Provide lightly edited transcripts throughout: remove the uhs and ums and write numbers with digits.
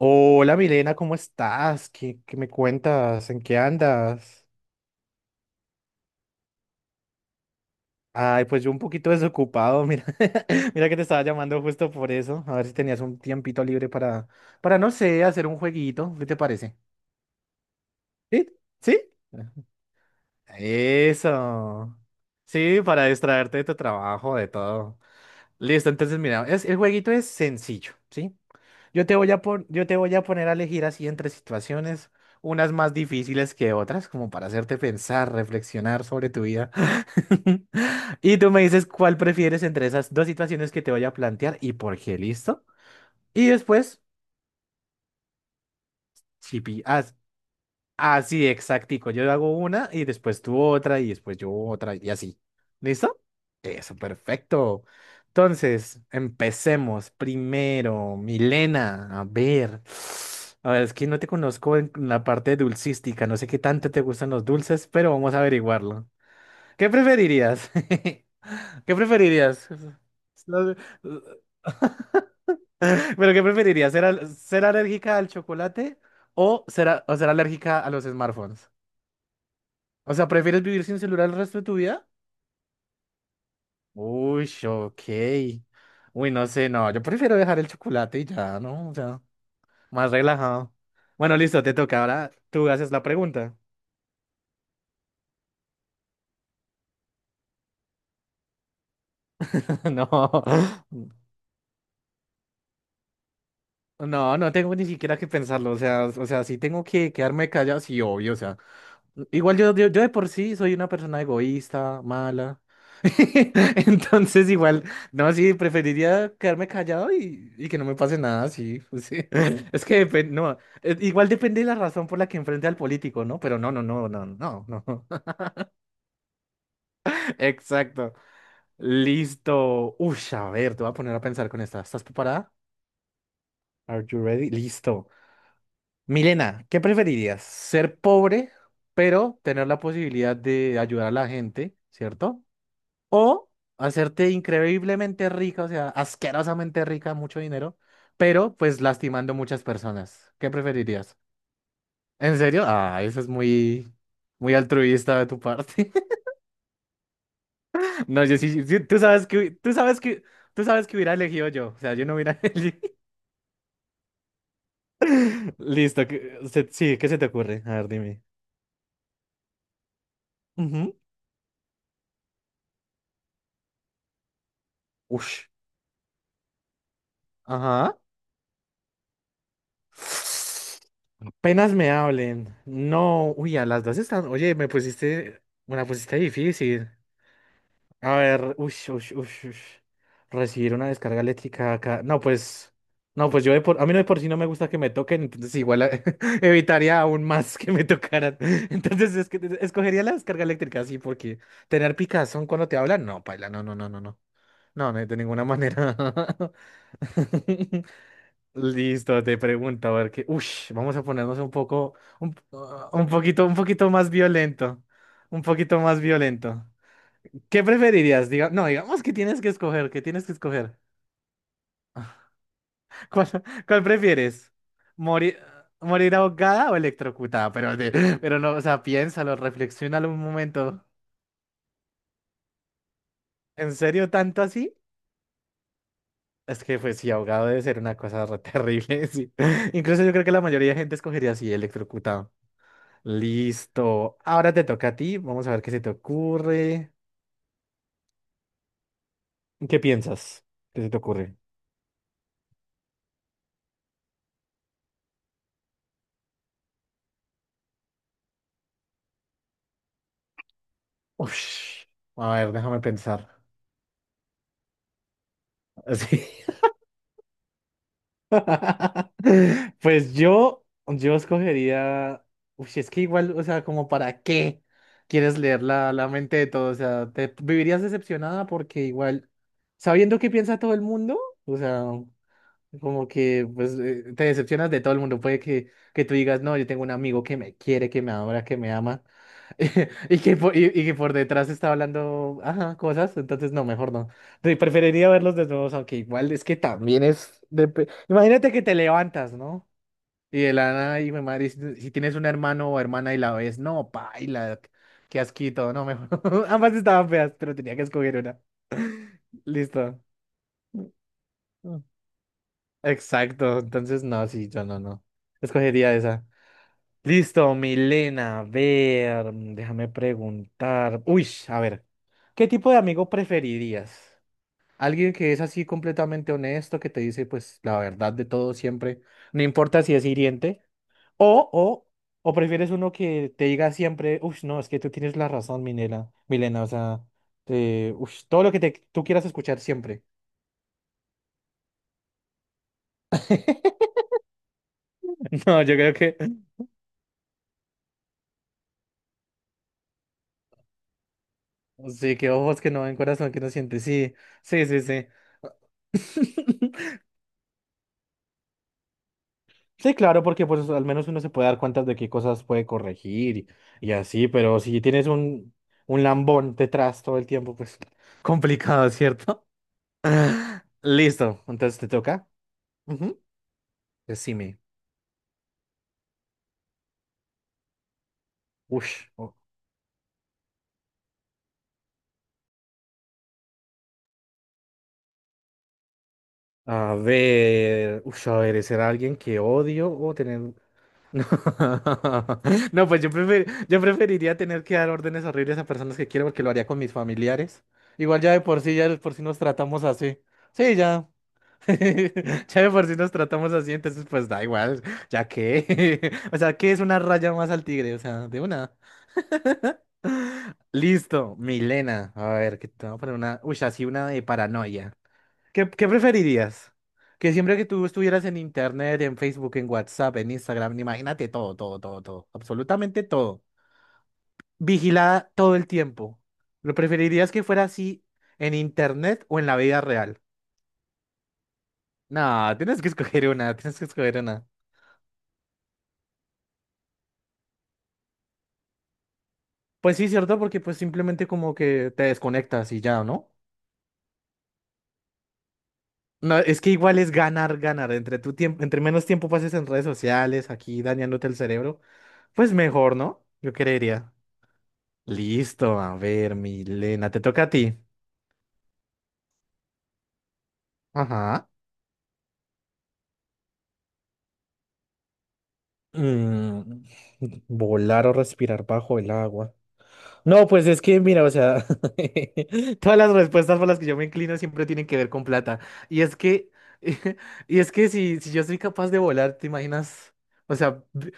Hola Milena, ¿cómo estás? ¿Qué me cuentas? ¿En qué andas? Ay, pues yo un poquito desocupado, mira, mira que te estaba llamando justo por eso, a ver si tenías un tiempito libre para no sé, hacer un jueguito, ¿qué te parece? ¿Sí? ¿Sí? Eso. Sí, para distraerte de tu trabajo, de todo. Listo, entonces mira, el jueguito es sencillo, ¿sí? Yo te voy a poner a elegir así entre situaciones, unas más difíciles que otras, como para hacerte pensar, reflexionar sobre tu vida. Y tú me dices cuál prefieres entre esas dos situaciones que te voy a plantear y por qué, ¿listo? Y después, si pi- ah, Así, exactico. Yo hago una y después tú otra y después yo otra y así. ¿Listo? Eso, perfecto. Entonces, empecemos. Primero, Milena, a ver. A ver, es que no te conozco en la parte dulcística. No sé qué tanto te gustan los dulces, pero vamos a averiguarlo. ¿Qué preferirías? ¿Qué preferirías? No sé. ¿Pero qué preferirías? ¿Ser alérgica al chocolate o ser alérgica a los smartphones? O sea, ¿prefieres vivir sin celular el resto de tu vida? Uy, ok. Uy, no sé, no. Yo prefiero dejar el chocolate y ya, ¿no? O sea, más relajado. Bueno, listo, te toca. Ahora tú haces la pregunta. No. No, no tengo ni siquiera que pensarlo, o sea, si tengo que quedarme callado, sí, obvio, o sea, igual yo de por sí soy una persona egoísta, mala, entonces igual, no, sí, preferiría quedarme callado y que no me pase nada, sí, sí. Es que depende, no, igual depende de la razón por la que enfrente al político, ¿no? Pero no, no, no, no, no, no, exacto, listo, uy, a ver, te voy a poner a pensar con esta, ¿estás preparada? Are you ready? Listo. Milena, ¿qué preferirías? ¿Ser pobre, pero tener la posibilidad de ayudar a la gente, ¿cierto? ¿O hacerte increíblemente rica, o sea, asquerosamente rica, mucho dinero, pero pues lastimando muchas personas? ¿Qué preferirías? ¿En serio? Ah, eso es muy, muy altruista de tu parte. No, yo sí, sí, tú sabes que, hu- tú sabes que hubiera elegido yo, o sea, yo no hubiera elegido. Listo, sí, ¿qué se te ocurre? A ver, dime. Ujú. Ush. Ajá. Apenas me hablen. No, uy, a las dos están. Oye, una pusiste difícil. A ver, uy, uy, uy, uy. Recibir una descarga eléctrica acá. No, pues, no, pues a mí no de por sí no me gusta que me toquen, entonces igual evitaría aún más que me tocaran. Entonces es que escogería la descarga eléctrica, sí, porque tener picazón cuando te hablan, no, paila, no, no, no, no, no. No, no, de ninguna manera. Listo, te pregunto, a ver qué. Ush, vamos a ponernos un poco, un, un poquito más violento. Un poquito más violento. ¿Qué preferirías? No, digamos que tienes que escoger, que tienes que escoger. ¿Cuál, cuál prefieres? ¿Morir, morir ahogada o electrocutada? Pero, pero no, o sea, piénsalo, reflexiónalo un momento. ¿En serio tanto así? Es que, pues, sí, ahogado debe ser una cosa re terrible, sí. Incluso yo creo que la mayoría de gente escogería así, electrocutado. Listo. Ahora te toca a ti. Vamos a ver qué se te ocurre. ¿Qué piensas? ¿Qué se te ocurre? Ush. A ver, déjame pensar. Sí. Pues yo escogería. Uy, es que igual, o sea, como para qué quieres leer la mente de todo? O sea, te vivirías decepcionada porque igual, sabiendo qué piensa todo el mundo, o sea. Como que pues te decepcionas de todo el mundo. Puede que tú digas, no, yo tengo un amigo que me quiere, que me adora, que me ama, y que por detrás está hablando, ajá, cosas. Entonces, no, mejor no. Preferiría verlos desnudos, aunque igual es que también es... Imagínate que te levantas, ¿no? Y de la nada, y mi madre, si tienes un hermano o hermana y la ves, no, paila, qué asquito, no, mejor. Ambas estaban feas, pero tenía que escoger una. Listo. Exacto, entonces no, sí, yo no, no. Escogería esa. Listo, Milena, a ver, déjame preguntar. Uy, a ver, ¿qué tipo de amigo preferirías? ¿Alguien que es así completamente honesto, que te dice pues la verdad de todo siempre, no importa si es hiriente? ¿O, o, o prefieres uno que te diga siempre, uy, no, es que tú tienes la razón, Milena, Milena, o sea, uy, todo lo que tú quieras escuchar siempre? No, yo creo que sí, que ojos que no ven, corazón que no siente. Sí, sí, sí, sí. Sí, claro, porque pues al menos uno se puede dar cuenta de qué cosas puede corregir y así, pero si tienes un, lambón detrás todo el tiempo, pues complicado, ¿cierto? Listo, entonces te toca. Ujú. Decime. Ush. A ver, ush, a ver, ¿será alguien que odio o tener no, no, pues yo yo preferiría tener que dar órdenes horribles a personas que quiero porque lo haría con mis familiares. Igual ya de por sí, ya de por sí nos tratamos así. Sí, ya. Ya de por sí nos tratamos así, entonces pues da igual, ya que. O sea, ¿qué es una raya más al tigre? O sea, de una. Listo, Milena. A ver, que te voy a poner una. Uy, así una de paranoia. ¿Qué preferirías? Que siempre que tú estuvieras en internet, en Facebook, en WhatsApp, en Instagram, imagínate todo, todo, todo, todo, absolutamente todo, vigilada todo el tiempo. ¿Lo preferirías que fuera así en internet o en la vida real? No, tienes que escoger una, tienes que escoger una. Pues sí, cierto, porque pues simplemente como que te desconectas y ya, ¿no? No, es que igual es ganar, ganar. Entre tu tiempo, entre menos tiempo pases en redes sociales, aquí dañándote el cerebro, pues mejor, ¿no? Yo creería. Listo, a ver, Milena, te toca a ti. Ajá. Mm, volar o respirar bajo el agua. No, pues es que, mira, o sea, todas las respuestas por las que yo me inclino siempre tienen que ver con plata. Y es que, y es que si yo soy capaz de volar, ¿te imaginas? O sea,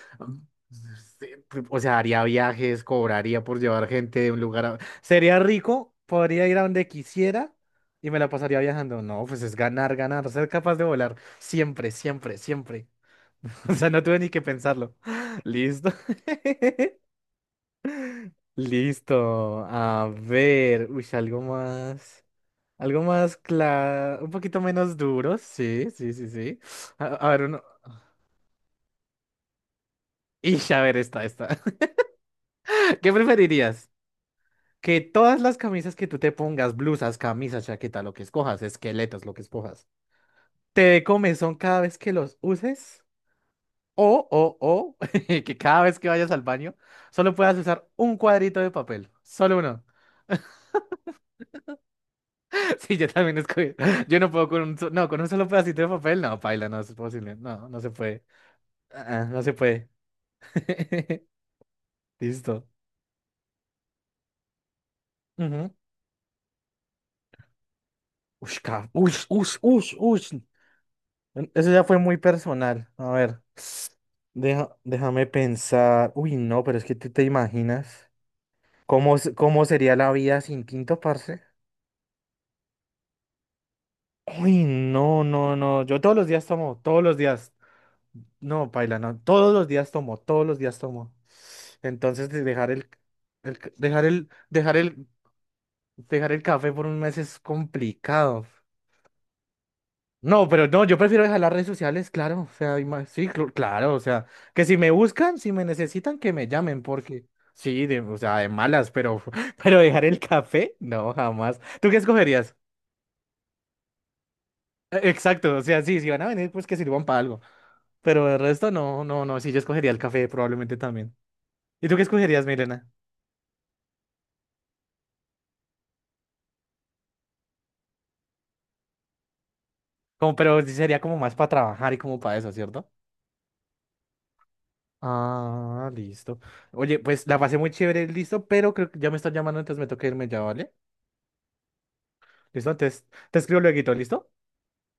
sí, o sea, haría viajes, cobraría por llevar gente de un lugar a... Sería rico, podría ir a donde quisiera y me la pasaría viajando. No, pues es ganar, ganar, ser capaz de volar. Siempre, siempre, siempre. O sea, no tuve ni que pensarlo. Listo. Listo. A ver, uy, algo más claro, un poquito menos duro, sí, sí, sí, sí. A ver, uno... Ish, a ver, esta, esta. ¿Qué preferirías? Que todas las camisas que tú te pongas, blusas, camisas, chaqueta, lo que escojas, esqueletos, lo que escojas, te dé comezón cada vez que los uses, o, que cada vez que vayas al baño, solo puedas usar un cuadrito de papel, solo uno. Sí, yo también escogí. Yo no puedo con no, con un solo pedacito de papel. No, paila, no es posible. No, no se puede. Ah, ah, no se puede. Listo. Ujú. Ush, ush, ush, ush, ush. Eso ya fue muy personal. A ver. Déjame pensar. Uy, no, pero es que tú te imaginas cómo sería la vida sin tinto, parce. Uy, no, no, no. Yo todos los días tomo, todos los días. No, paila, no. Todos los días tomo, todos los días tomo. Entonces, de dejar el c- dejar el café por un mes es complicado. No, pero no, yo prefiero dejar las redes sociales, claro. O sea, sí, claro. O sea, que si me buscan, si me necesitan, que me llamen, porque sí, o sea, de malas, pero, pero dejar el café, no, jamás. ¿Tú qué escogerías? Exacto, o sea, sí, si van a venir, pues que sirvan para algo. Pero el resto, no, no, no, sí, yo escogería el café probablemente también. ¿Y tú qué escogerías, Milena? Como, pero sí sería como más para trabajar y como para eso, ¿cierto? Ah, listo. Oye, pues la pasé muy chévere, listo, pero creo que ya me están llamando, entonces me toca irme ya, ¿vale? ¿Listo? Entonces te escribo luego, ¿listo?